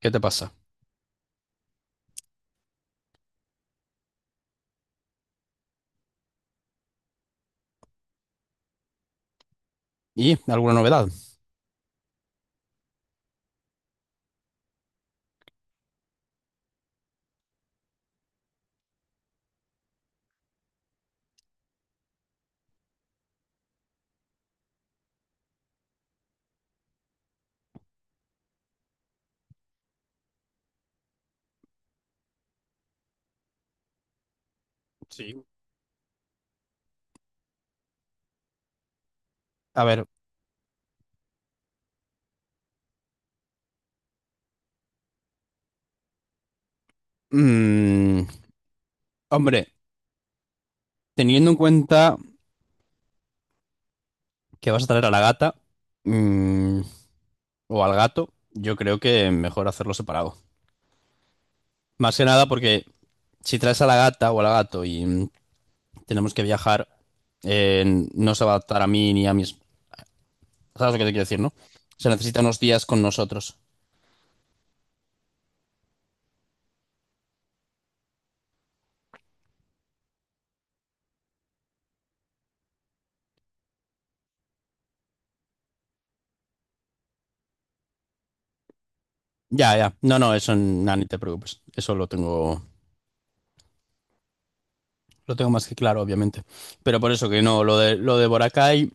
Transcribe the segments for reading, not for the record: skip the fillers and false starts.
¿Qué te pasa? ¿Y alguna novedad? Sí. A ver, mm, hombre, teniendo en cuenta que vas a traer a la gata mm, o al gato, yo creo que mejor hacerlo separado. Más que nada porque si traes a la gata o al gato y tenemos que viajar, eh, no se va a adaptar a mí ni a mis... ¿Sabes lo que te quiero decir, no? Se necesitan unos días con nosotros. Ya, ya. No, no, eso nada, ni te preocupes. Eso lo tengo más que claro, obviamente. Pero por eso que no, lo de Boracay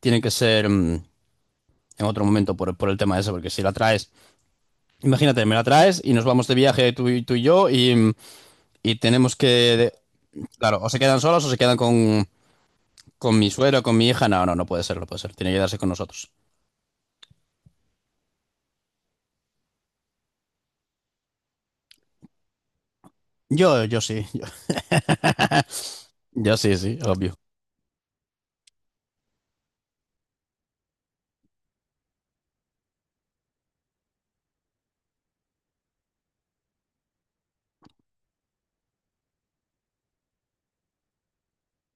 tiene que ser en otro momento por el tema ese, porque si la traes, imagínate, me la traes y nos vamos de viaje tú y yo y y tenemos que, claro, o se quedan solos o se quedan con mi suegro con mi hija, no, no, no puede ser, no puede ser, tiene que quedarse con nosotros. Yo, yo sí, yo, yo sí, sí, obvio.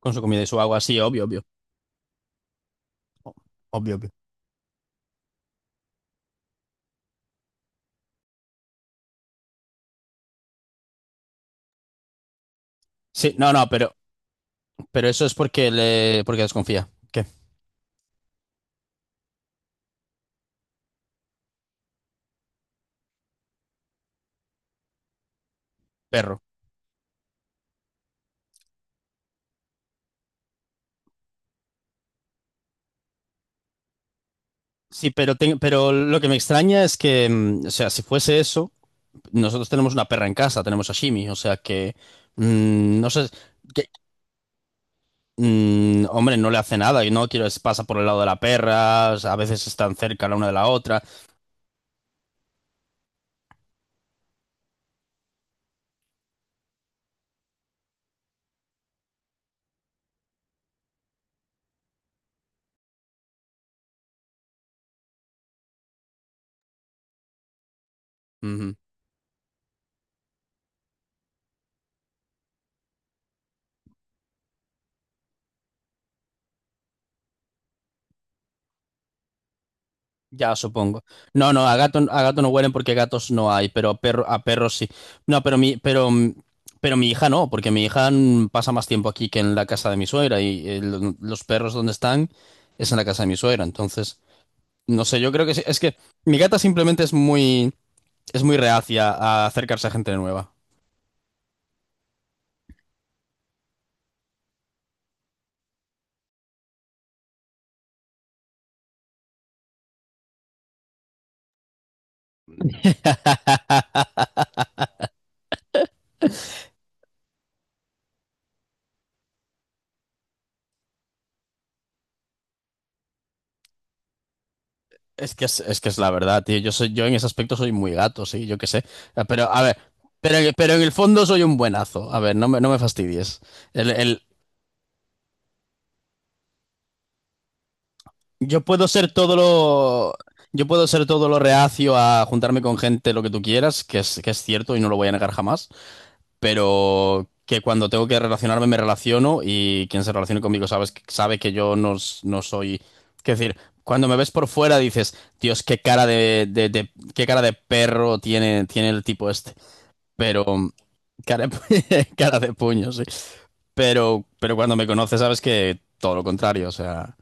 Con su comida y su agua, sí, obvio, obvio. O- Obvio, obvio. Sí, no, no, pero eso es porque porque desconfía. ¿Qué? Perro. Sí, pero lo que me extraña es que, o sea, si fuese eso, nosotros tenemos una perra en casa, tenemos a Shimi, o sea que no sé, que, hombre, no le hace nada y no quiero es- pasa por el lado de la perra, o sea, a veces están cerca la una de la otra. Ujú. Ya supongo. No, no, a gato no huelen porque gatos no hay, pero a perro, a perros sí. No, pero mi, pero, mm, pero mi hija no, porque mi hija pasa más tiempo aquí que en la casa de mi suegra y los perros donde están es en la casa de mi suegra, entonces no sé, yo creo que sí, es que mi gata simplemente es muy reacia a acercarse a gente nueva. Es que es la verdad, tío. Yo soy, yo en ese aspecto soy muy gato, sí, yo qué sé. Pero, a ver, pero en el fondo soy un buenazo. A ver, no me, no me fastidies. El, el- yo puedo ser todo lo. Yo puedo ser todo lo reacio a juntarme con gente, lo que tú quieras, que es cierto y no lo voy a negar jamás. Pero que cuando tengo que relacionarme me relaciono y quien se relacione conmigo sabes, sabe que yo no, no soy... Es decir, cuando me ves por fuera dices, Dios, qué cara qué cara de perro tiene, tiene el tipo este. Pero... Cara de, cara de puño, sí. Pero cuando me conoces sabes que todo lo contrario, o sea...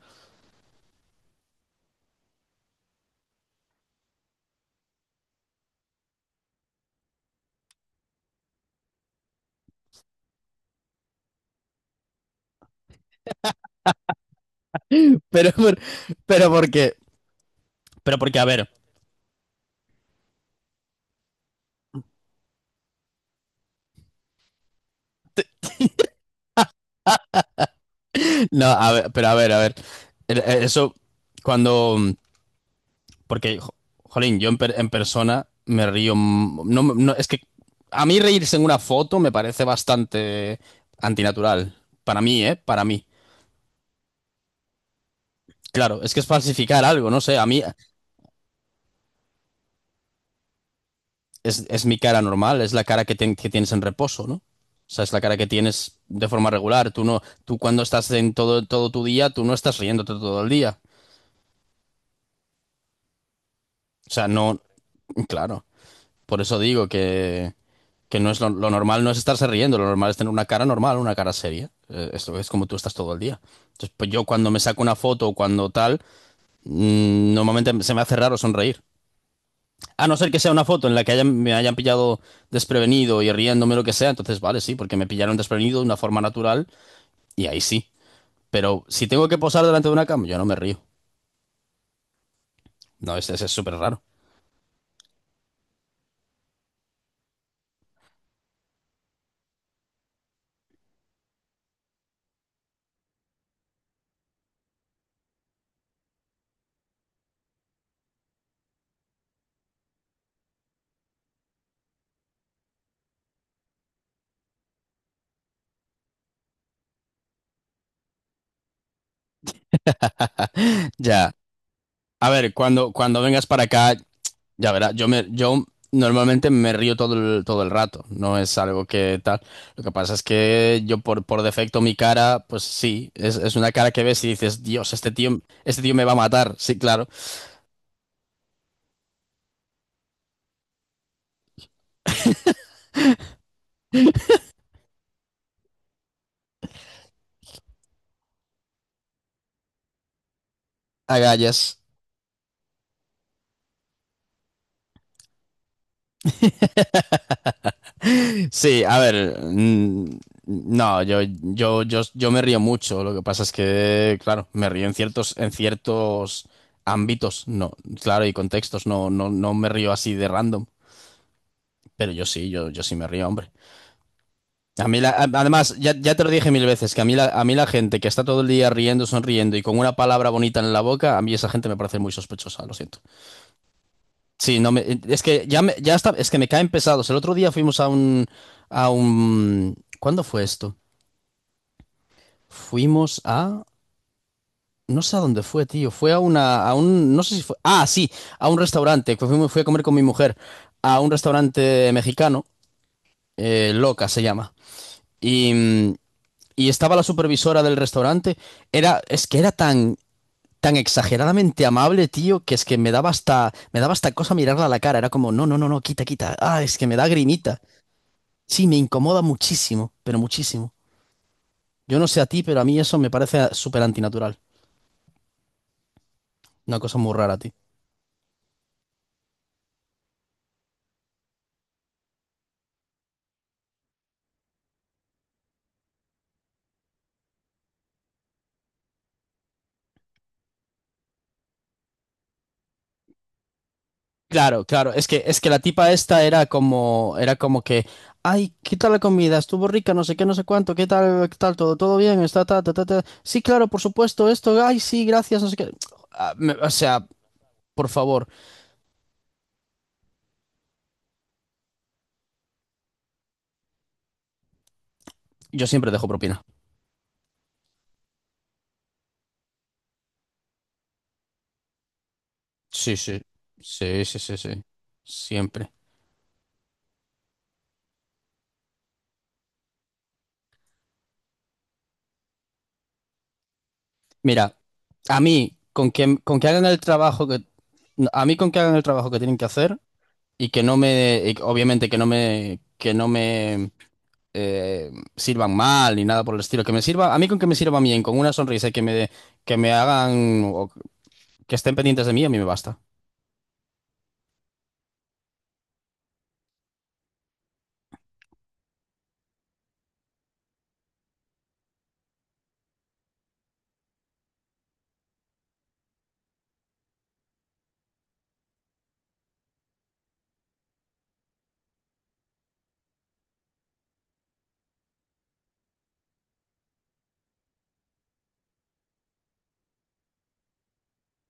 Pero, por- pero porque... Pero porque, a ver... No, a ver, pero a ver, a ver. Eso, cuando... Porque, jolín, en persona me río. M- No, me- no, Es que a mí reírse en una foto me parece bastante antinatural. Para mí, ¿eh? Para mí. Claro, es que es falsificar algo, no sé. A mí es mi cara normal, es la cara que tienes en reposo, ¿no? O sea, es la cara que tienes de forma regular. Tú no, tú cuando estás en todo tu día, tú no estás riéndote todo el día. O sea, no, claro. Por eso digo que. Que no es lo normal no es estarse riendo, lo normal es tener una cara normal, una cara seria. Esto es como tú estás todo el día. Entonces, pues yo cuando me saco una foto o cuando tal, normalmente se me hace raro sonreír. A no ser que sea una foto en la que me hayan pillado desprevenido y riéndome o lo que sea, entonces vale, sí, porque me pillaron desprevenido de una forma natural y ahí sí. Pero si tengo que posar delante de una cama, yo no me río. No, ese es súper raro. Ya. A ver, cuando vengas para acá, ya verás, yo normalmente me río todo todo el rato, no es algo que tal. Lo que pasa es que yo por defecto mi cara, pues sí, es una cara que ves y dices, Dios, este tío me va a matar. Sí, claro, agallas. Sí, a ver, no, yo me río mucho. Lo que pasa es que, claro, me río en en ciertos ámbitos, no, claro, y contextos, no, no, no me río así de random. Pero yo sí, yo sí me río, hombre. Además, ya, ya te lo dije mil veces, que a mí, a mí la gente que está todo el día riendo, sonriendo y con una palabra bonita en la boca, a mí esa gente me parece muy sospechosa, lo siento. Sí, no me, es que ya, ya está, es que me caen pesados. El otro día fuimos a un, ¿cuándo fue esto? Fuimos a, no sé a dónde fue, tío, fue a una, a un, no sé si fue, ah, sí, a un restaurante, que fui, fui a comer con mi mujer, a un restaurante mexicano, Loca se llama. Y, y estaba la supervisora del restaurante, era, es que era tan, tan exageradamente amable, tío, que es que me daba hasta cosa mirarla a la cara. Era como, no, no, no, no, quita, quita. Ah, es que me da grimita. Sí, me incomoda muchísimo, pero muchísimo. Yo no sé a ti, pero a mí eso me parece súper antinatural. Una cosa muy rara, tío. Claro, claro, es que la tipa esta era como que, ay, ¿qué tal la comida? Estuvo rica, no sé qué, no sé cuánto, qué tal, todo, todo bien, está, ta, ta, ta, ta. Sí, claro, por supuesto, esto, ay, sí, gracias, no sé qué. Ah, o sea, por favor, yo siempre dejo propina. Sí, sí, sí, sí, sí, sí, siempre. Mira, a mí, con que hagan el trabajo que, a mí con que hagan el trabajo que tienen que hacer y que no me, y obviamente que no me sirvan mal ni nada por el estilo. Que me sirva, a mí con que me sirvan bien, con una sonrisa y que me hagan o que estén pendientes de mí, a mí me basta.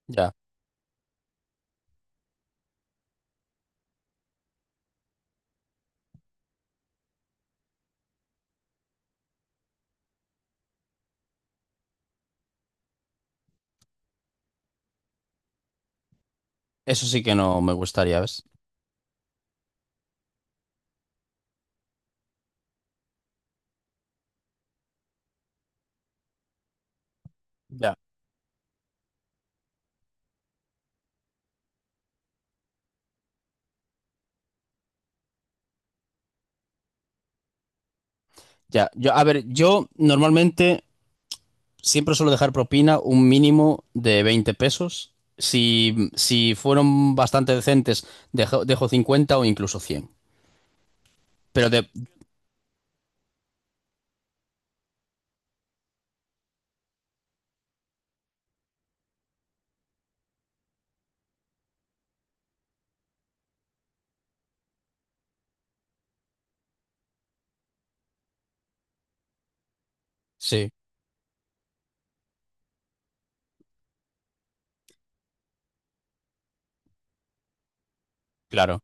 Ya. Eso sí que no me gustaría, ¿ves? Ya. Ya. Yo, a ver, yo normalmente siempre suelo dejar propina un mínimo de 20 pesos. Si fueron bastante decentes, dejo, dejo 50 o incluso 100. Pero de... Sí, claro,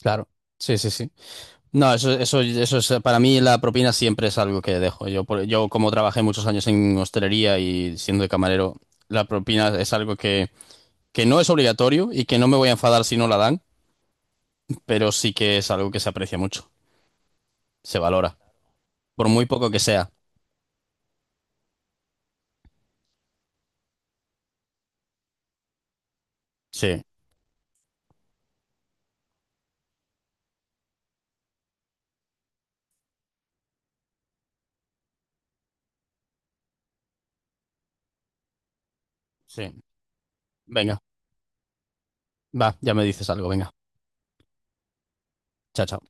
claro. Sí, sí, sí. No, eso es, para mí la propina siempre es algo que dejo. Yo, yo como trabajé muchos años en hostelería y siendo de camarero, la propina es algo que no es obligatorio y que no me voy a enfadar si no la dan, pero sí que es algo que se aprecia mucho, se valora, por muy poco que sea. Sí, sí. Venga, va, ya me dices algo, venga. Chao, chao.